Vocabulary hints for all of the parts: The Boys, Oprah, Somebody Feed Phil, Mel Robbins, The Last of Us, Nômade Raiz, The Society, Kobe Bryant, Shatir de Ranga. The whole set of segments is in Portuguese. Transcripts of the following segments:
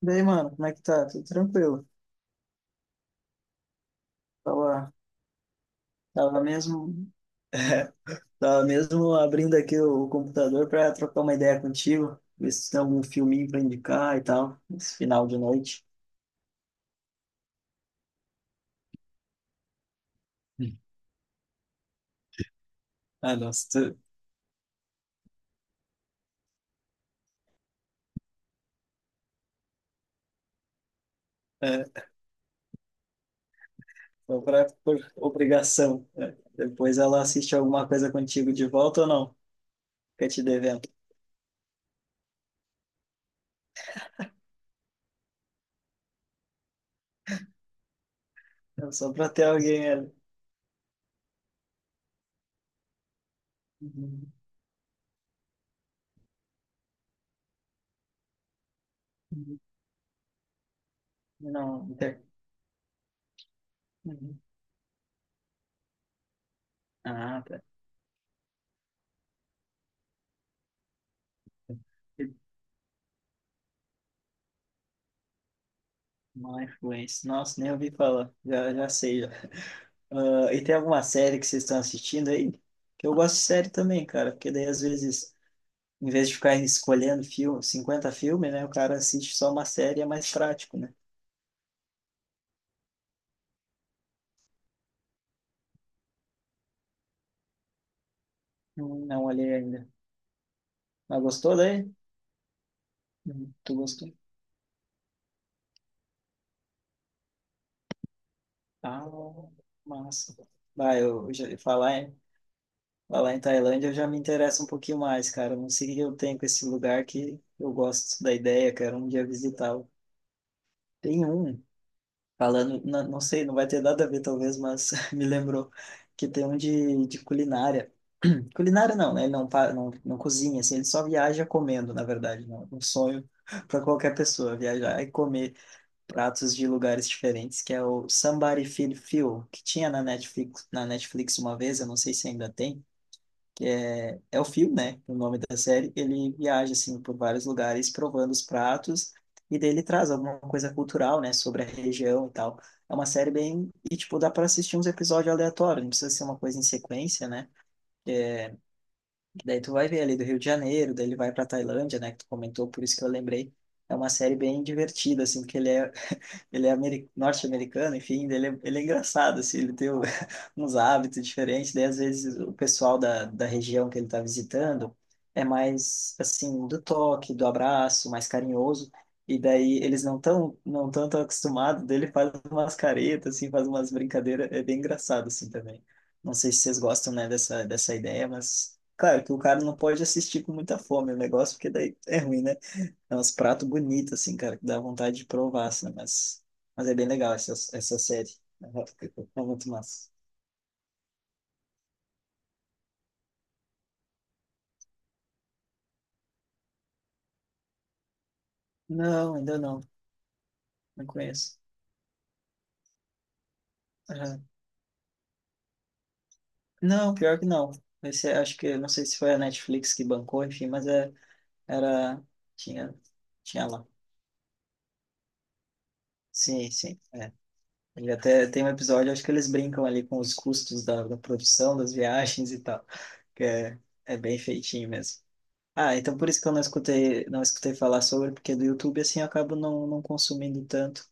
Daí, mano, como é que tá? Tudo tranquilo. Tava, tava mesmo, é, tava mesmo abrindo aqui o computador pra trocar uma ideia contigo, ver se tem algum filminho pra indicar e tal, esse final de noite. Hum. Ah, nossa, tu, é, por obrigação. É. Depois ela assiste alguma coisa contigo de volta ou não? Fica te devendo. É só pra ter alguém ali. Uhum, uhum. Não, inter... uhum. Ah, tá. Má influência. Nossa, nem ouvi falar. Já, já sei, já. Ah, e tem alguma série que vocês estão assistindo aí? Que eu gosto de série também, cara, porque daí às vezes, em vez de ficar escolhendo filme, 50 filmes, né, o cara assiste só uma série, é mais prático, né? Não, não olhei ainda. Mas gostou daí? Tu gostou? Ah, massa. Vai, eu já falar em Tailândia, eu já me interesso um pouquinho mais, cara. Não sei o que eu tenho com esse lugar que eu gosto da ideia, quero um dia visitá-lo. Tem um Falando, não, não sei, não vai ter nada a ver talvez, mas me lembrou que tem um de culinária. Culinária não, né? Ele não, pa- não, não cozinha, assim, ele só viaja comendo, na verdade, né? Um sonho para qualquer pessoa, viajar e comer pratos de lugares diferentes, que é o Somebody Feed Phil, que tinha na Netflix, uma vez, eu não sei se ainda tem, é o Phil, né? O nome da série. Ele viaja, assim, por vários lugares provando os pratos e daí ele traz alguma coisa cultural, né? Sobre a região e tal. E, tipo, dá para assistir uns episódios aleatórios. Não precisa ser uma coisa em sequência, né? Daí tu vai ver ali do Rio de Janeiro, daí ele vai para Tailândia, né? Que tu comentou, por isso que eu lembrei. É uma série bem divertida, assim, porque ele é norte-americano, enfim, ele é engraçado, assim, ele tem uns hábitos diferentes, daí às vezes o pessoal da região que ele está visitando é mais, assim, do toque, do abraço, mais carinhoso, e daí eles não tão, não tão, tão acostumados, daí ele faz umas caretas, assim, faz umas brincadeiras, é bem engraçado, assim, também. Não sei se vocês gostam, né, dessa ideia, mas... Claro que o cara não pode assistir com muita fome o negócio, porque daí é ruim, né? É uns pratos bonitos, assim, cara, que dá vontade de provar, assim, mas é bem legal essa série. Aham, é muito massa. Não, ainda não. Não conheço. Aham. Não, pior que não. Acho que, não sei se foi a Netflix que bancou, enfim, era, tinha, tinha lá. Sim, sim, é. Ele até tem um episódio, acho que eles brincam ali com os custos da produção, das viagens e tal, que é bem feitinho mesmo. Ah, então por isso que eu não escutei falar sobre, porque do YouTube assim eu acabo não consumindo tanto.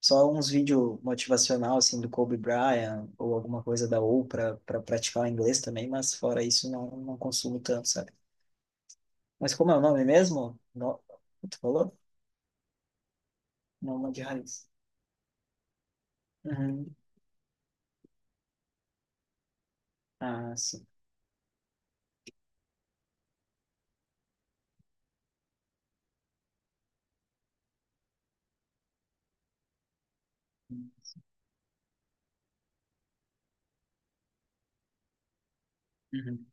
Só uns vídeos motivacional assim do Kobe Bryant ou alguma coisa da Oprah para praticar o inglês também, mas fora isso não consumo tanto, sabe? Mas como é o nome mesmo? No... Tu falou? Noma de raiz. Uhum. Ah, sim. Uhum.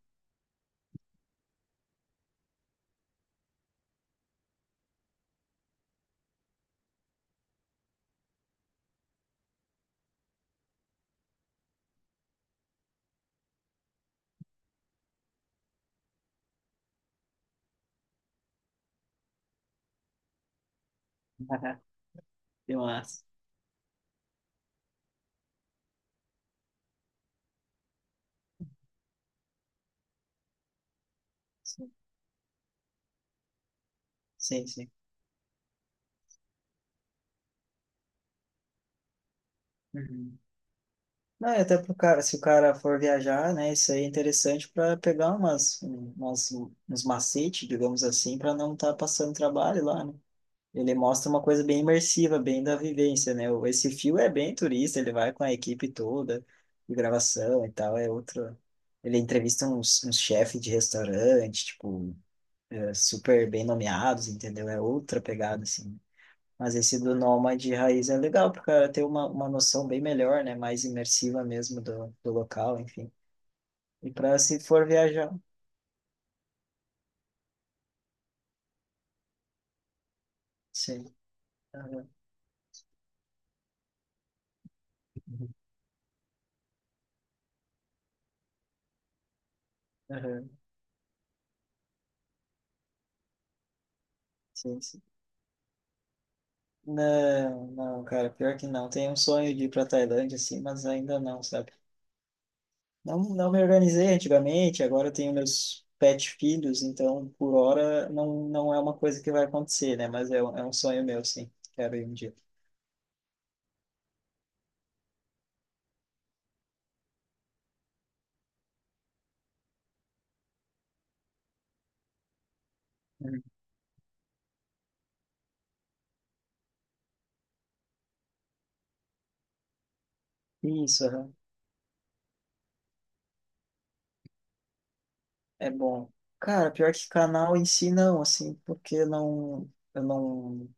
Deu uma- Sim, sim, sim. Uhum. Não, e até pro cara, se o cara for viajar, né, isso aí é interessante para pegar uns macetes, digamos assim, para não estar passando trabalho lá, né? Ele mostra uma coisa bem imersiva, bem da vivência, né? Esse fio é bem turista, ele vai com a equipe toda de gravação e tal, é outro. Ele entrevista uns chefes de restaurante, tipo, super bem nomeados, entendeu? É outra pegada, assim. Mas esse do Nômade Raiz é legal, porque ela tem uma noção bem melhor, né? Mais imersiva mesmo do local, enfim. E para se for viajar, sim. Aham, aham, sim, sim. Não, não, cara, pior que não. Tenho um sonho de ir para Tailândia, assim, mas ainda não, sabe? Não, não me organizei antigamente, agora eu tenho meus pet filhos, então por hora não, não é uma coisa que vai acontecer, né? Mas é um sonho meu, sim. Quero ir um dia. Uhum. Isso. É bom. Cara, pior que canal em si não, assim, porque não, eu não,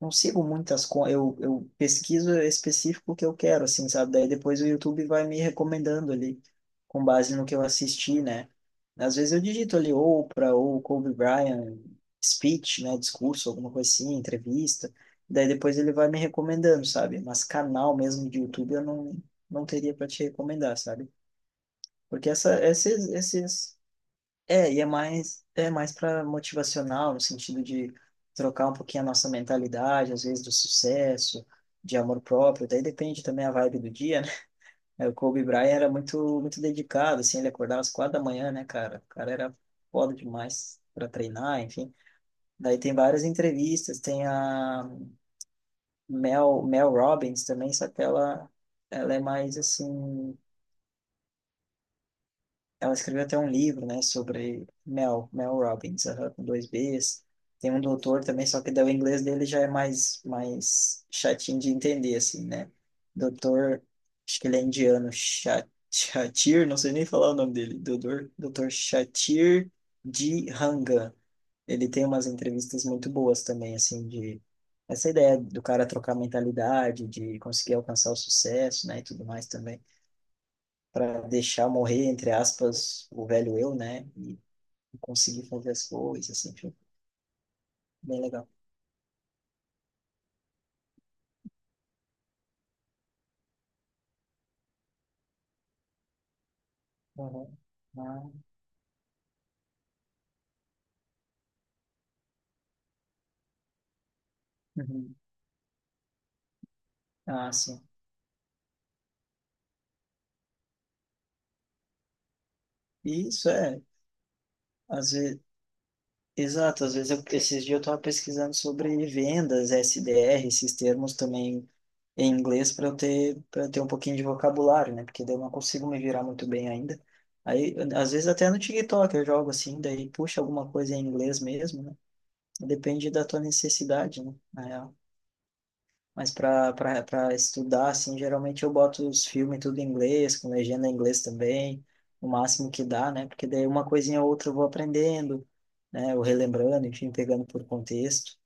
não sigo muitas coisas. Eu pesquiso específico o que eu quero, assim, sabe? Daí depois o YouTube vai me recomendando ali, com base no que eu assisti, né? Às vezes eu digito ali Oprah ou Kobe Bryant, speech, né? Discurso, alguma coisa assim, entrevista. Daí depois ele vai me recomendando, sabe? Mas canal mesmo de YouTube eu não teria para te recomendar, sabe? Porque essa, esses, esses é, e é mais para motivacional, no sentido de trocar um pouquinho a nossa mentalidade, às vezes do sucesso, de amor próprio, daí depende também a vibe do dia, né? O Kobe Bryant era muito, muito dedicado, assim, ele acordava às 4 da manhã, né, cara? O cara era foda demais para treinar, enfim. Daí tem várias entrevistas, tem a Mel Robbins também, só que ela é mais, assim, ela escreveu até um livro, né, sobre Mel Robbins, aham, com dois Bs. Tem um doutor também, só que daí o inglês dele já é mais, chatinho de entender, assim, né? Doutor, acho que ele é indiano, Shatir, não sei nem falar o nome dele, doutor Shatir de Ranga. Ele tem umas entrevistas muito boas também, assim, de essa ideia do cara trocar mentalidade, de conseguir alcançar o sucesso, né, e tudo mais também para deixar morrer, entre aspas, o velho eu, né? E conseguir fazer as coisas, assim, foi bem legal. Uhum. Ah, uhum. Ah, sim. E Isso é, às vezes, Exato, esses dias eu estava pesquisando sobre vendas, SDR, esses termos também em inglês para ter um pouquinho de vocabulário, né? Porque daí eu não consigo me virar muito bem ainda. Aí, às vezes até no TikTok eu jogo assim, daí puxa alguma coisa em inglês mesmo, né? Depende da tua necessidade, né? Mas para estudar, assim, geralmente eu boto os filmes tudo em inglês, com legenda em inglês também, o máximo que dá, né? Porque daí uma coisinha ou outra eu vou aprendendo, né? Ou relembrando, enfim, pegando por contexto.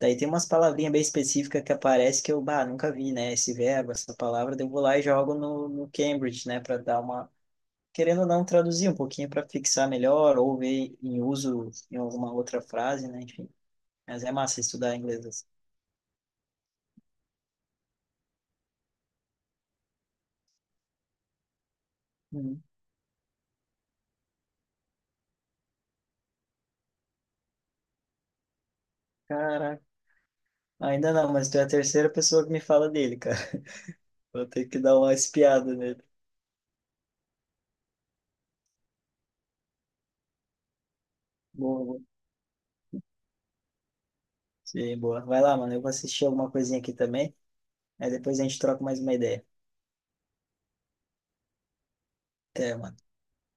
Daí tem umas palavrinhas bem específicas que aparecem que eu, bah, nunca vi, né? Esse verbo, essa palavra, daí eu vou lá e jogo no Cambridge, né? Para dar uma. Querendo ou não, traduzir um pouquinho para fixar melhor, ou ver em uso em alguma outra frase, né? Enfim. Mas é massa estudar inglês assim. Hum. Caraca. Ainda não, mas tu é a terceira pessoa que me fala dele, cara. Vou ter que dar uma espiada nele. Boa, boa. Sim, boa. Vai lá, mano. Eu vou assistir alguma coisinha aqui também. Aí depois a gente troca mais uma ideia. Até, mano.